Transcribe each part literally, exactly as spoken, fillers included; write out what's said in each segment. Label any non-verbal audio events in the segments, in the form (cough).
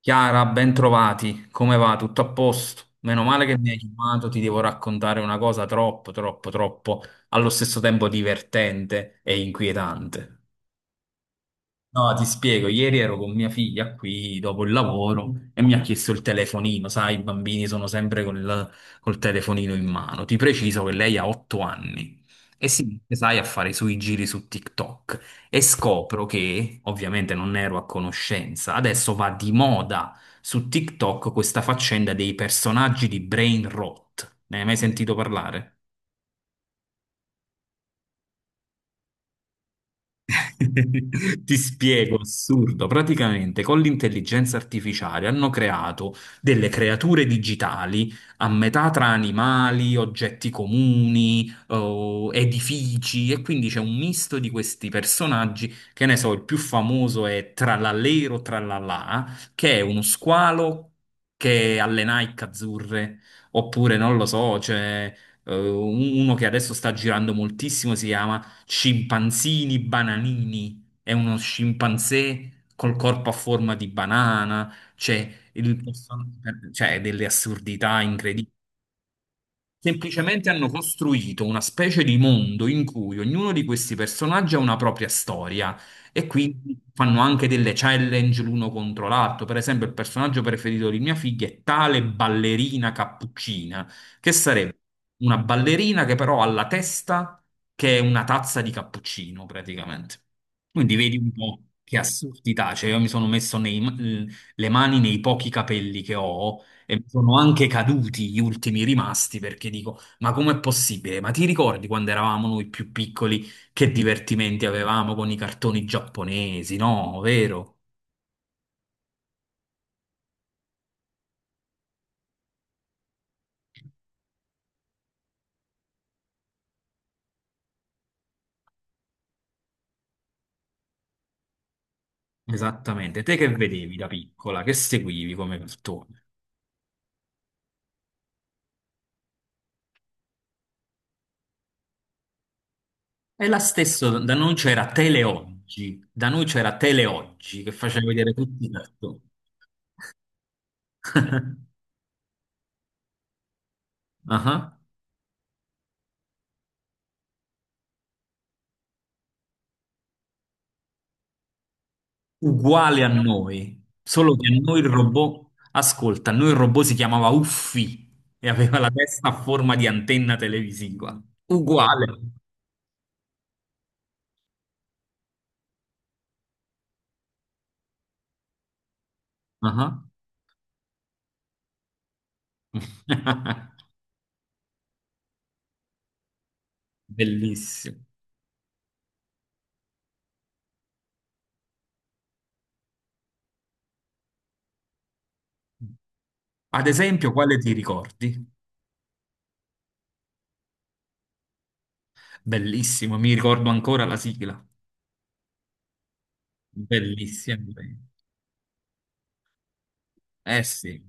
Chiara, ben trovati. Come va? Tutto a posto? Meno male che mi hai chiamato, ti devo raccontare una cosa troppo, troppo, troppo, allo stesso tempo divertente e inquietante. No, ti spiego, ieri ero con mia figlia qui dopo il lavoro e mi ha chiesto il telefonino, sai, i bambini sono sempre col, col telefonino in mano. Ti preciso che lei ha otto anni e si mette, sai, a fare i suoi giri su TikTok e scopro che, ovviamente non ne ero a conoscenza, adesso va di moda su TikTok questa faccenda dei personaggi di brain rot. Ne hai mai sentito parlare? (laughs) Ti spiego, assurdo. Praticamente con l'intelligenza artificiale hanno creato delle creature digitali a metà tra animali, oggetti comuni, oh, edifici, e quindi c'è un misto di questi personaggi. Che ne so, il più famoso è Trallallero Trallallà, che è uno squalo che ha le Nike azzurre, oppure non lo so, c'è eh, uno che adesso sta girando moltissimo, si chiama scimpanzini bananini. È uno scimpanzé col corpo a forma di banana. C'è il person- cioè, delle assurdità. Semplicemente hanno costruito una specie di mondo in cui ognuno di questi personaggi ha una propria storia e quindi fanno anche delle challenge l'uno contro l'altro. Per esempio, il personaggio preferito di mia figlia è tale ballerina cappuccina, che sarebbe una ballerina che però ha la testa che è una tazza di cappuccino praticamente. Quindi vedi un po' che assurdità, cioè io mi sono messo nei- le mani nei pochi capelli che ho e mi sono anche caduti gli ultimi rimasti perché dico: Ma com'è possibile? Ma ti ricordi quando eravamo noi più piccoli che divertimenti avevamo con i cartoni giapponesi? No, vero? Esattamente. Te che vedevi da piccola, che seguivi come cartone? E la stessa, da noi c'era Teleoggi, da noi c'era Teleoggi che faceva vedere tutti i cartoni. (laughs) Ah ah. Uguale a noi, solo che a noi il robot, ascolta, a noi il robot si chiamava Uffi e aveva la testa a forma di antenna televisiva. Uguale. Ah. (laughs) Bellissimo. Ad esempio, quale ti ricordi? Bellissimo, mi ricordo ancora la sigla. Bellissimo. Eh sì.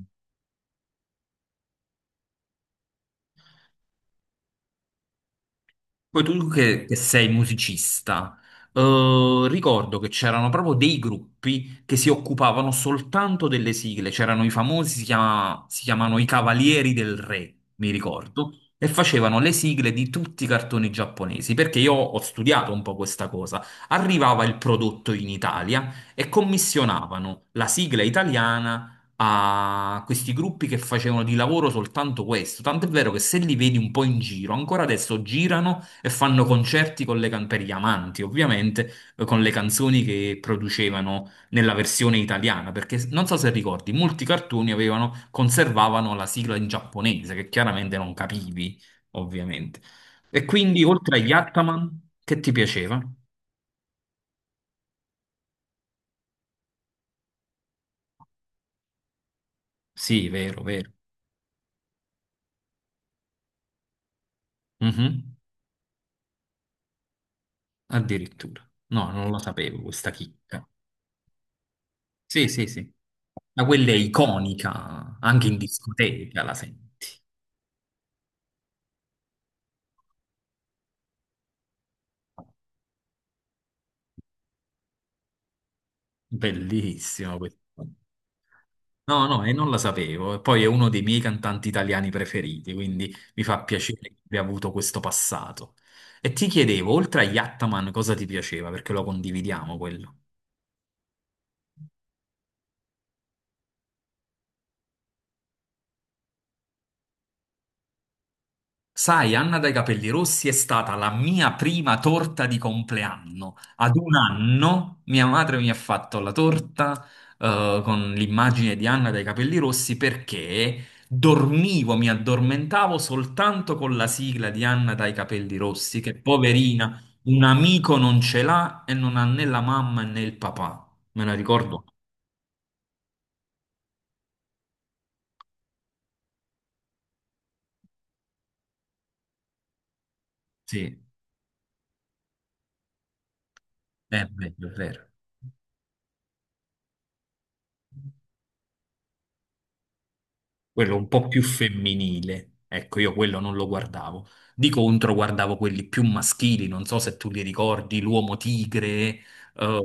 Poi tu che, che sei musicista, eh, ricordo che c'erano proprio dei gruppi che si occupavano soltanto delle sigle, c'erano i famosi, si chiama- si chiamano i Cavalieri del Re, mi ricordo, e facevano le sigle di tutti i cartoni giapponesi, perché io ho studiato un po' questa cosa. Arrivava il prodotto in Italia e commissionavano la sigla italiana a questi gruppi che facevano di lavoro soltanto questo. Tant'è vero che se li vedi un po' in giro, ancora adesso girano e fanno concerti con le can- per gli amanti, ovviamente, eh, con le canzoni che producevano nella versione italiana, perché non so se ricordi, molti cartoni avevano, conservavano la sigla in giapponese, che chiaramente non capivi, ovviamente. E quindi, oltre agli Ataman, che ti piaceva? Sì, vero, vero. Mhm. Addirittura. No, non la sapevo questa chicca. Sì, sì, sì. Ma quella è iconica, anche in discoteca la senti. Bellissimo questo. No, no, e non la sapevo. E poi è uno dei miei cantanti italiani preferiti, quindi mi fa piacere che abbia avuto questo passato. E ti chiedevo, oltre a Yattaman, cosa ti piaceva? Perché lo condividiamo quello. Sai, Anna dai capelli rossi è stata la mia prima torta di compleanno. Ad un anno mia madre mi ha fatto la torta eh, con l'immagine di Anna dai capelli rossi perché dormivo, mi addormentavo soltanto con la sigla di Anna dai capelli rossi, che poverina, un amico non ce l'ha e non ha né la mamma né il papà. Me la ricordo? Sì, è vero, è vero. Quello un po' più femminile. Ecco, io quello non lo guardavo. Di contro guardavo quelli più maschili, non so se tu li ricordi, l'Uomo Tigre, eh,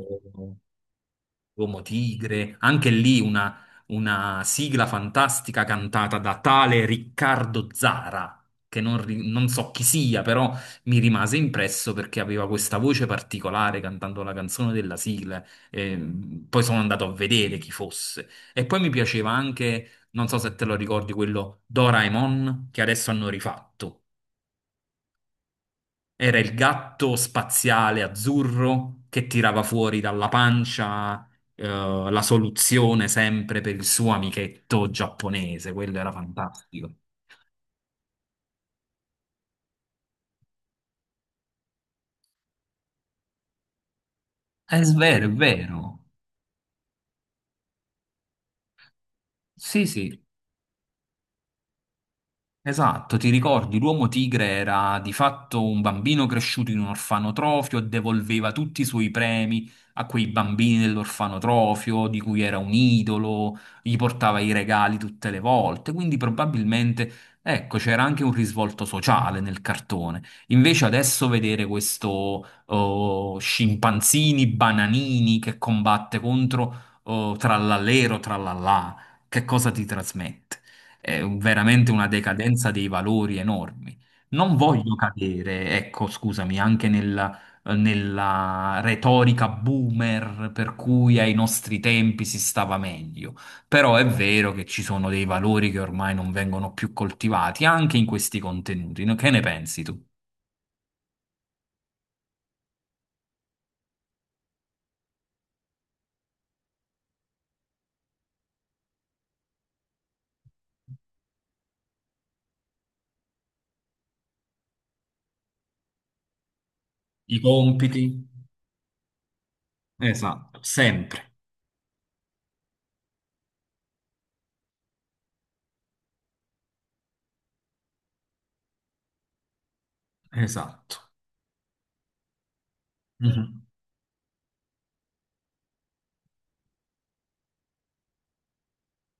Uomo Tigre, anche lì una, una sigla fantastica cantata da tale Riccardo Zara, che non, ri- non so chi sia, però mi rimase impresso perché aveva questa voce particolare cantando la canzone della sigla. E, mh, poi sono andato a vedere chi fosse. E poi mi piaceva anche, non so se te lo ricordi, quello Doraemon che adesso hanno rifatto. Era il gatto spaziale azzurro che tirava fuori dalla pancia, eh, la soluzione sempre per il suo amichetto giapponese. Quello era fantastico. È vero, è vero. Sì, sì. Esatto, ti ricordi, l'uomo tigre era di fatto un bambino cresciuto in un orfanotrofio e devolveva tutti i suoi premi a quei bambini dell'orfanotrofio di cui era un idolo, gli portava i regali tutte le volte, quindi probabilmente, ecco, c'era anche un risvolto sociale nel cartone. Invece adesso vedere questo oh, scimpanzini, bananini che combatte contro oh, trallallero, trallallà, che cosa ti trasmette? è un- veramente una decadenza dei valori enormi. Non voglio cadere, ecco, scusami, anche nella, nella retorica boomer per cui ai nostri tempi si stava meglio, però è vero che ci sono dei valori che ormai non vengono più coltivati anche in questi contenuti. No? Che ne pensi tu? I compiti? Esatto, sempre, esatto. Mhm.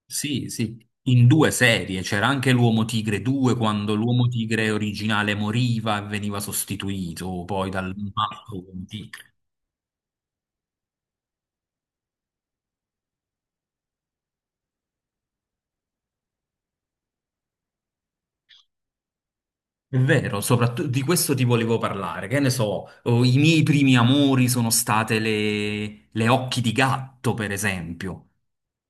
Sì, sì, in due serie c'era anche l'Uomo Tigre due quando l'Uomo Tigre originale moriva e veniva sostituito poi dal altro Uomo Tigre. È vero, soprattutto di questo ti volevo parlare. Che ne so, oh, i miei primi amori sono state le, le occhi di gatto, per esempio.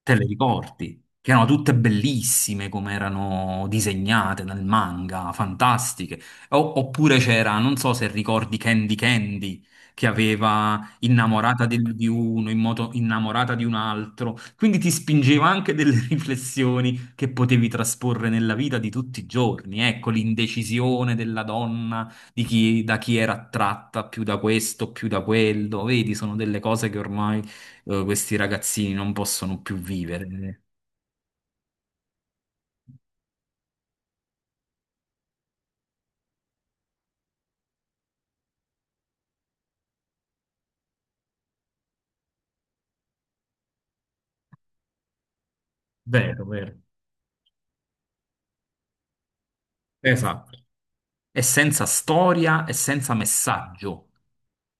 Te le ricordi? Che erano tutte bellissime come erano disegnate nel manga, fantastiche. O- oppure c'era, non so se ricordi Candy Candy, che aveva innamorata del- di uno, in moto, innamorata di un altro. Quindi ti spingeva anche delle (laughs) riflessioni che potevi trasporre nella vita di tutti i giorni. Ecco, l'indecisione della donna, di chi, da chi era attratta, più da questo, più da quello. Vedi, sono delle cose che ormai eh, questi ragazzini non possono più vivere. Vero, vero. Esatto. È senza storia e senza messaggio.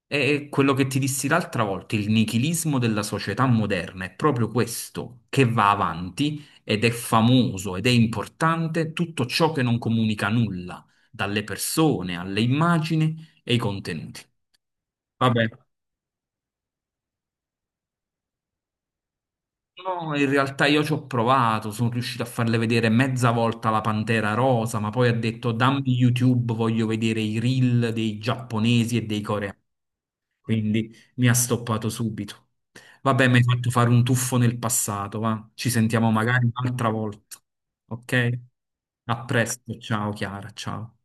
È quello che ti dissi l'altra volta, il nichilismo della società moderna è proprio questo che va avanti ed è famoso ed è importante tutto ciò che non comunica nulla, dalle persone alle immagini e ai contenuti. Vabbè, no, in realtà io ci ho provato, sono riuscito a farle vedere mezza volta la Pantera Rosa, ma poi ha detto dammi YouTube, voglio vedere i reel dei giapponesi e dei coreani. Quindi mi ha stoppato subito. Vabbè, mi hai fatto fare un tuffo nel passato, va. Ci sentiamo magari un'altra volta. Ok? A presto, ciao Chiara, ciao.